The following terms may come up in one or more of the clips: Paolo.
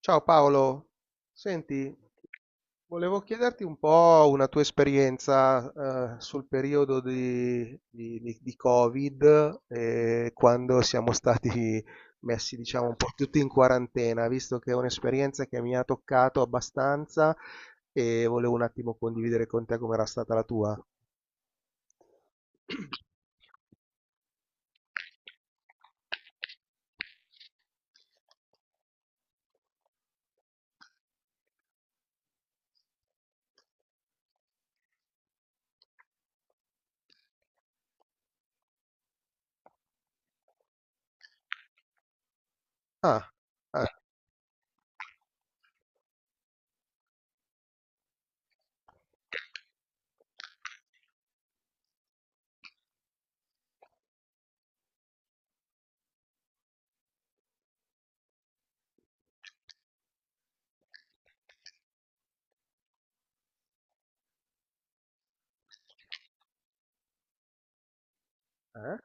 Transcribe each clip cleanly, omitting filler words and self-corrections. Ciao Paolo, senti, volevo chiederti un po' una tua esperienza sul periodo di Covid, quando siamo stati messi, diciamo, un po' tutti in quarantena, visto che è un'esperienza che mi ha toccato abbastanza e volevo un attimo condividere con te com'era stata la tua. Ah, ah, eh?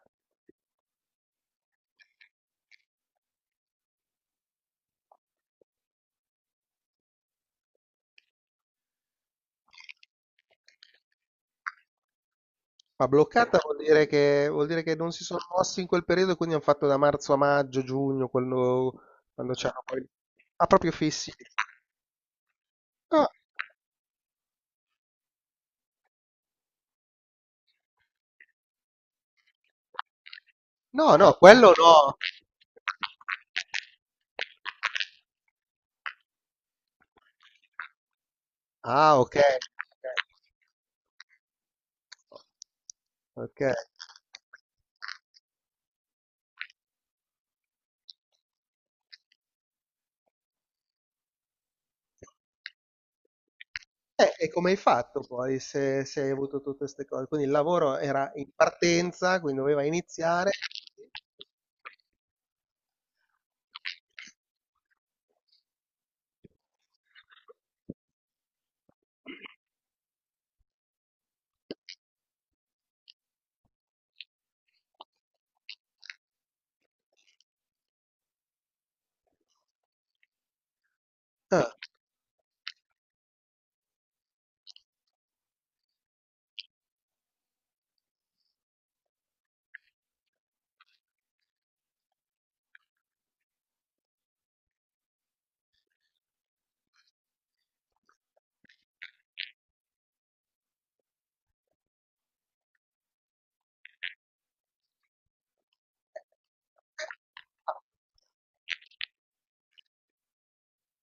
Ma bloccata vuol dire che non si sono mossi in quel periodo e quindi hanno fatto da marzo a maggio, giugno, quando, quando c'erano poi... Ah, proprio fissi. Ah, no, no, quello no. Ah, ok. Ok. Ok. E come hai fatto poi se, se hai avuto tutte queste cose? Quindi il lavoro era in partenza, quindi doveva iniziare. Ah.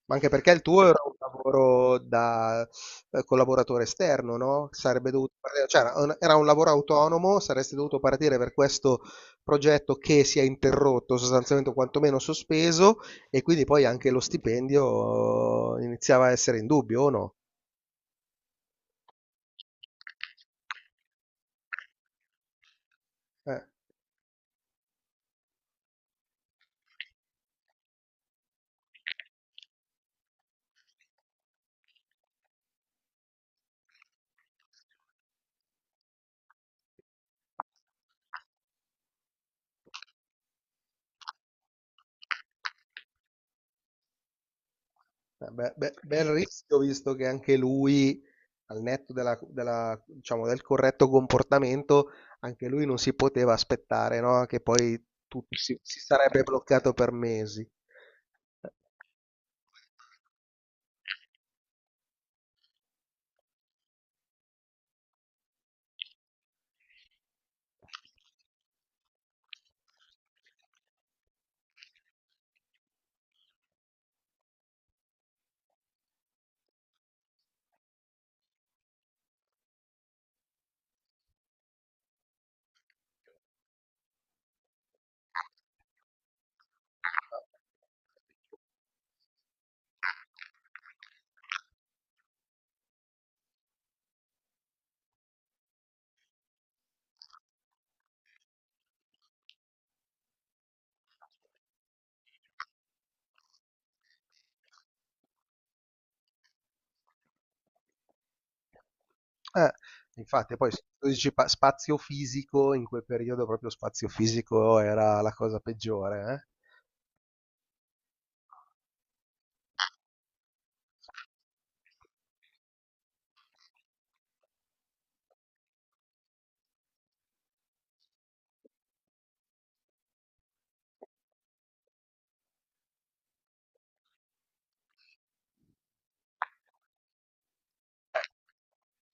Ma anche perché il tuo era un lavoro da collaboratore esterno, no? Cioè, era un lavoro autonomo, saresti dovuto partire per questo progetto che si è interrotto, sostanzialmente o quantomeno sospeso, e quindi poi anche lo stipendio iniziava a essere in dubbio, o no? Eh. Beh, beh, bel rischio visto che anche lui, al netto della, diciamo, del corretto comportamento, anche lui non si poteva aspettare, no? Che poi tutto, sì, si sarebbe bloccato per mesi. Eh, infatti poi se tu spazio fisico, in quel periodo proprio spazio fisico era la cosa peggiore, eh?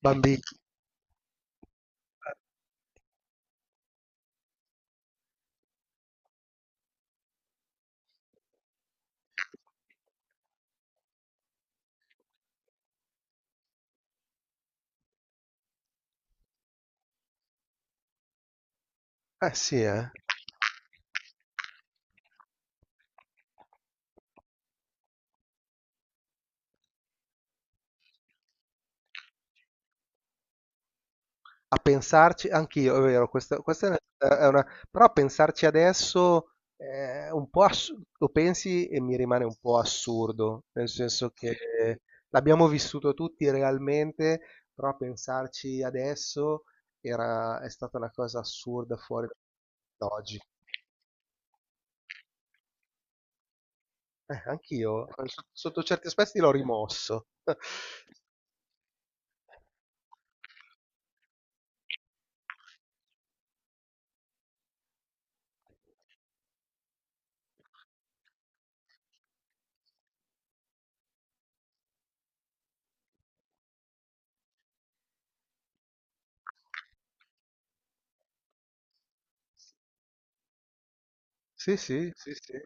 Bambini. Eh sì, eh. A pensarci anch'io, è vero, questa è una, però a pensarci adesso è un po' lo pensi e mi rimane un po' assurdo, nel senso che l'abbiamo vissuto tutti realmente, però a pensarci adesso era, è stata una cosa assurda fuori da oggi. Anch'io, sotto, sotto certi aspetti l'ho rimosso. Sì, sì, sì, sì.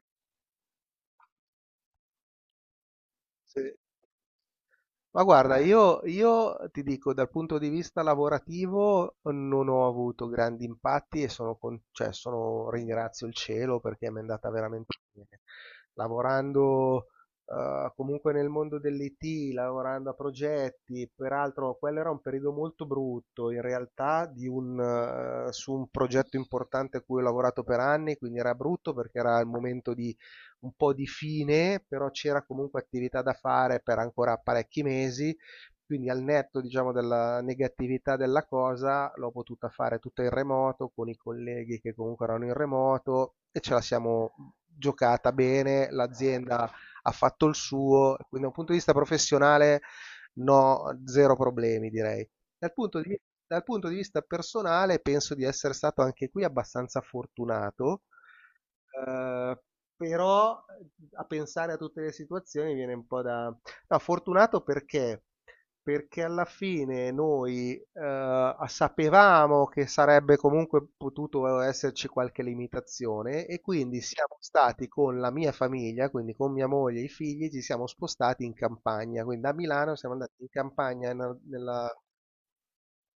Sì. Ma guarda, io ti dico, dal punto di vista lavorativo non ho avuto grandi impatti e sono, cioè, ringrazio il cielo perché mi è andata veramente bene. Lavorando comunque nel mondo dell'IT, lavorando a progetti, peraltro quello era un periodo molto brutto in realtà di un, su un progetto importante a cui ho lavorato per anni, quindi era brutto perché era il momento di un po' di fine, però c'era comunque attività da fare per ancora parecchi mesi, quindi al netto, diciamo, della negatività della cosa, l'ho potuta fare tutto in remoto con i colleghi che comunque erano in remoto e ce la siamo giocata bene, l'azienda ha fatto il suo, quindi da un punto di vista professionale no, zero problemi direi. Dal punto di, Dal punto di vista personale penso di essere stato anche qui abbastanza fortunato. Ehm, Però a pensare a tutte le situazioni viene un po' da... No, fortunato perché? Perché alla fine noi sapevamo che sarebbe comunque potuto esserci qualche limitazione e quindi siamo stati con la mia famiglia, quindi con mia moglie e i figli, ci siamo spostati in campagna, quindi da Milano siamo andati in campagna nella...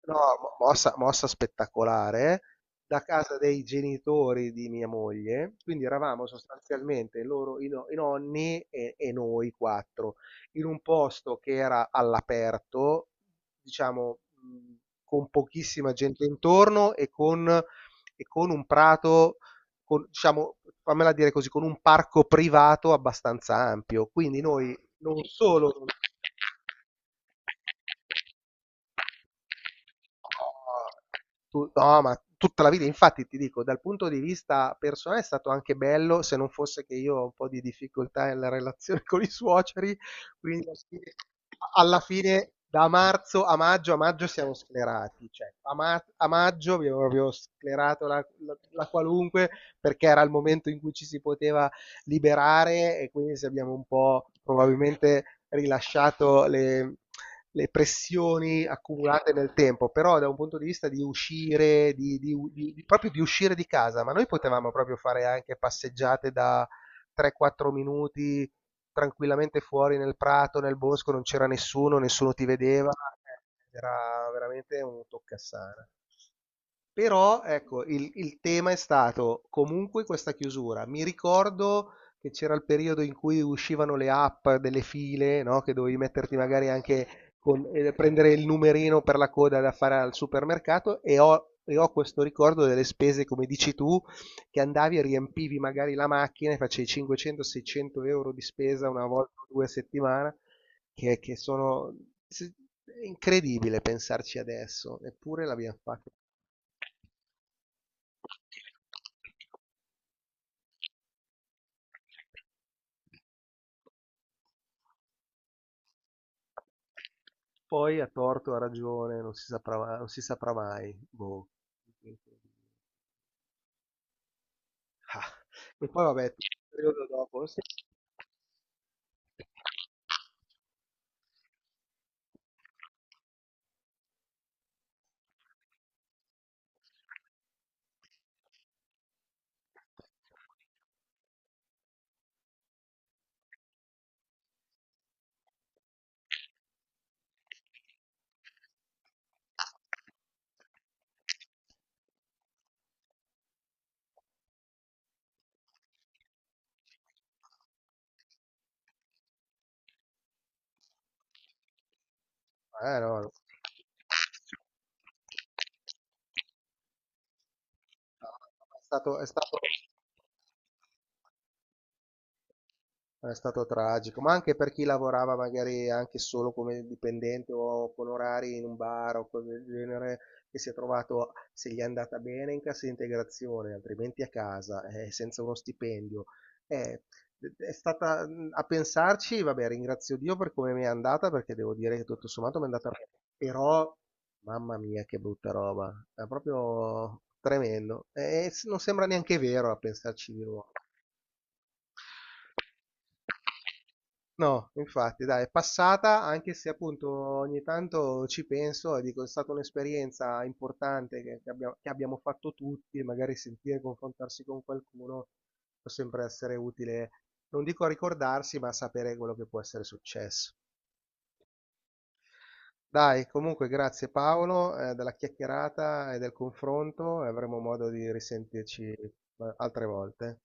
No, mossa spettacolare, da casa dei genitori di mia moglie, quindi eravamo sostanzialmente loro, i, no- i nonni e noi quattro, in un posto che era all'aperto, diciamo, con pochissima gente intorno e con un prato, con, diciamo, fammela dire così, con un parco privato abbastanza ampio. Quindi noi non solo... Tu no, ma tutta la vita, infatti ti dico, dal punto di vista personale è stato anche bello, se non fosse che io ho un po' di difficoltà nella relazione con i suoceri, quindi alla fine da marzo a maggio siamo sclerati, cioè a, a maggio abbiamo proprio sclerato la qualunque, perché era il momento in cui ci si poteva liberare e quindi se abbiamo un po' probabilmente rilasciato le pressioni accumulate nel tempo, però da un punto di vista di uscire, di, proprio di uscire di casa, ma noi potevamo proprio fare anche passeggiate da 3-4 minuti tranquillamente fuori nel prato, nel bosco, non c'era nessuno, nessuno ti vedeva, era veramente un toccassana. Però, ecco, il tema è stato comunque questa chiusura. Mi ricordo che c'era il periodo in cui uscivano le app delle file, no? Che dovevi metterti magari anche con, prendere il numerino per la coda da fare al supermercato, e ho questo ricordo delle spese, come dici tu, che andavi e riempivi magari la macchina e facevi 500-600 euro di spesa una volta o due a settimana, che sono se- è incredibile pensarci adesso, eppure l'abbiamo fatto. Poi a torto, a ragione, non si saprà, non si saprà mai. Boh. Ah, e poi vabbè, tutto il periodo dopo, sì. No, no, no, no, no, è stato... È stato tragico, ma anche per chi lavorava magari anche solo come dipendente o con orari in un bar o cose del genere, che si è trovato, se gli è andata bene, in cassa integrazione, altrimenti a casa, senza uno stipendio. Eh, è stata a pensarci, vabbè, ringrazio Dio per come mi è andata, perché devo dire che tutto sommato mi è andata bene, però, mamma mia, che brutta roba, è proprio tremendo. E non sembra neanche vero a pensarci di nuovo. No, infatti, dai, è passata, anche se appunto ogni tanto ci penso e dico, è stata un'esperienza importante che abbiamo fatto tutti, e magari sentire, confrontarsi con qualcuno può sempre essere utile, non dico a ricordarsi, ma a sapere quello che può essere successo. Dai, comunque grazie Paolo, della chiacchierata e del confronto, e avremo modo di risentirci altre volte.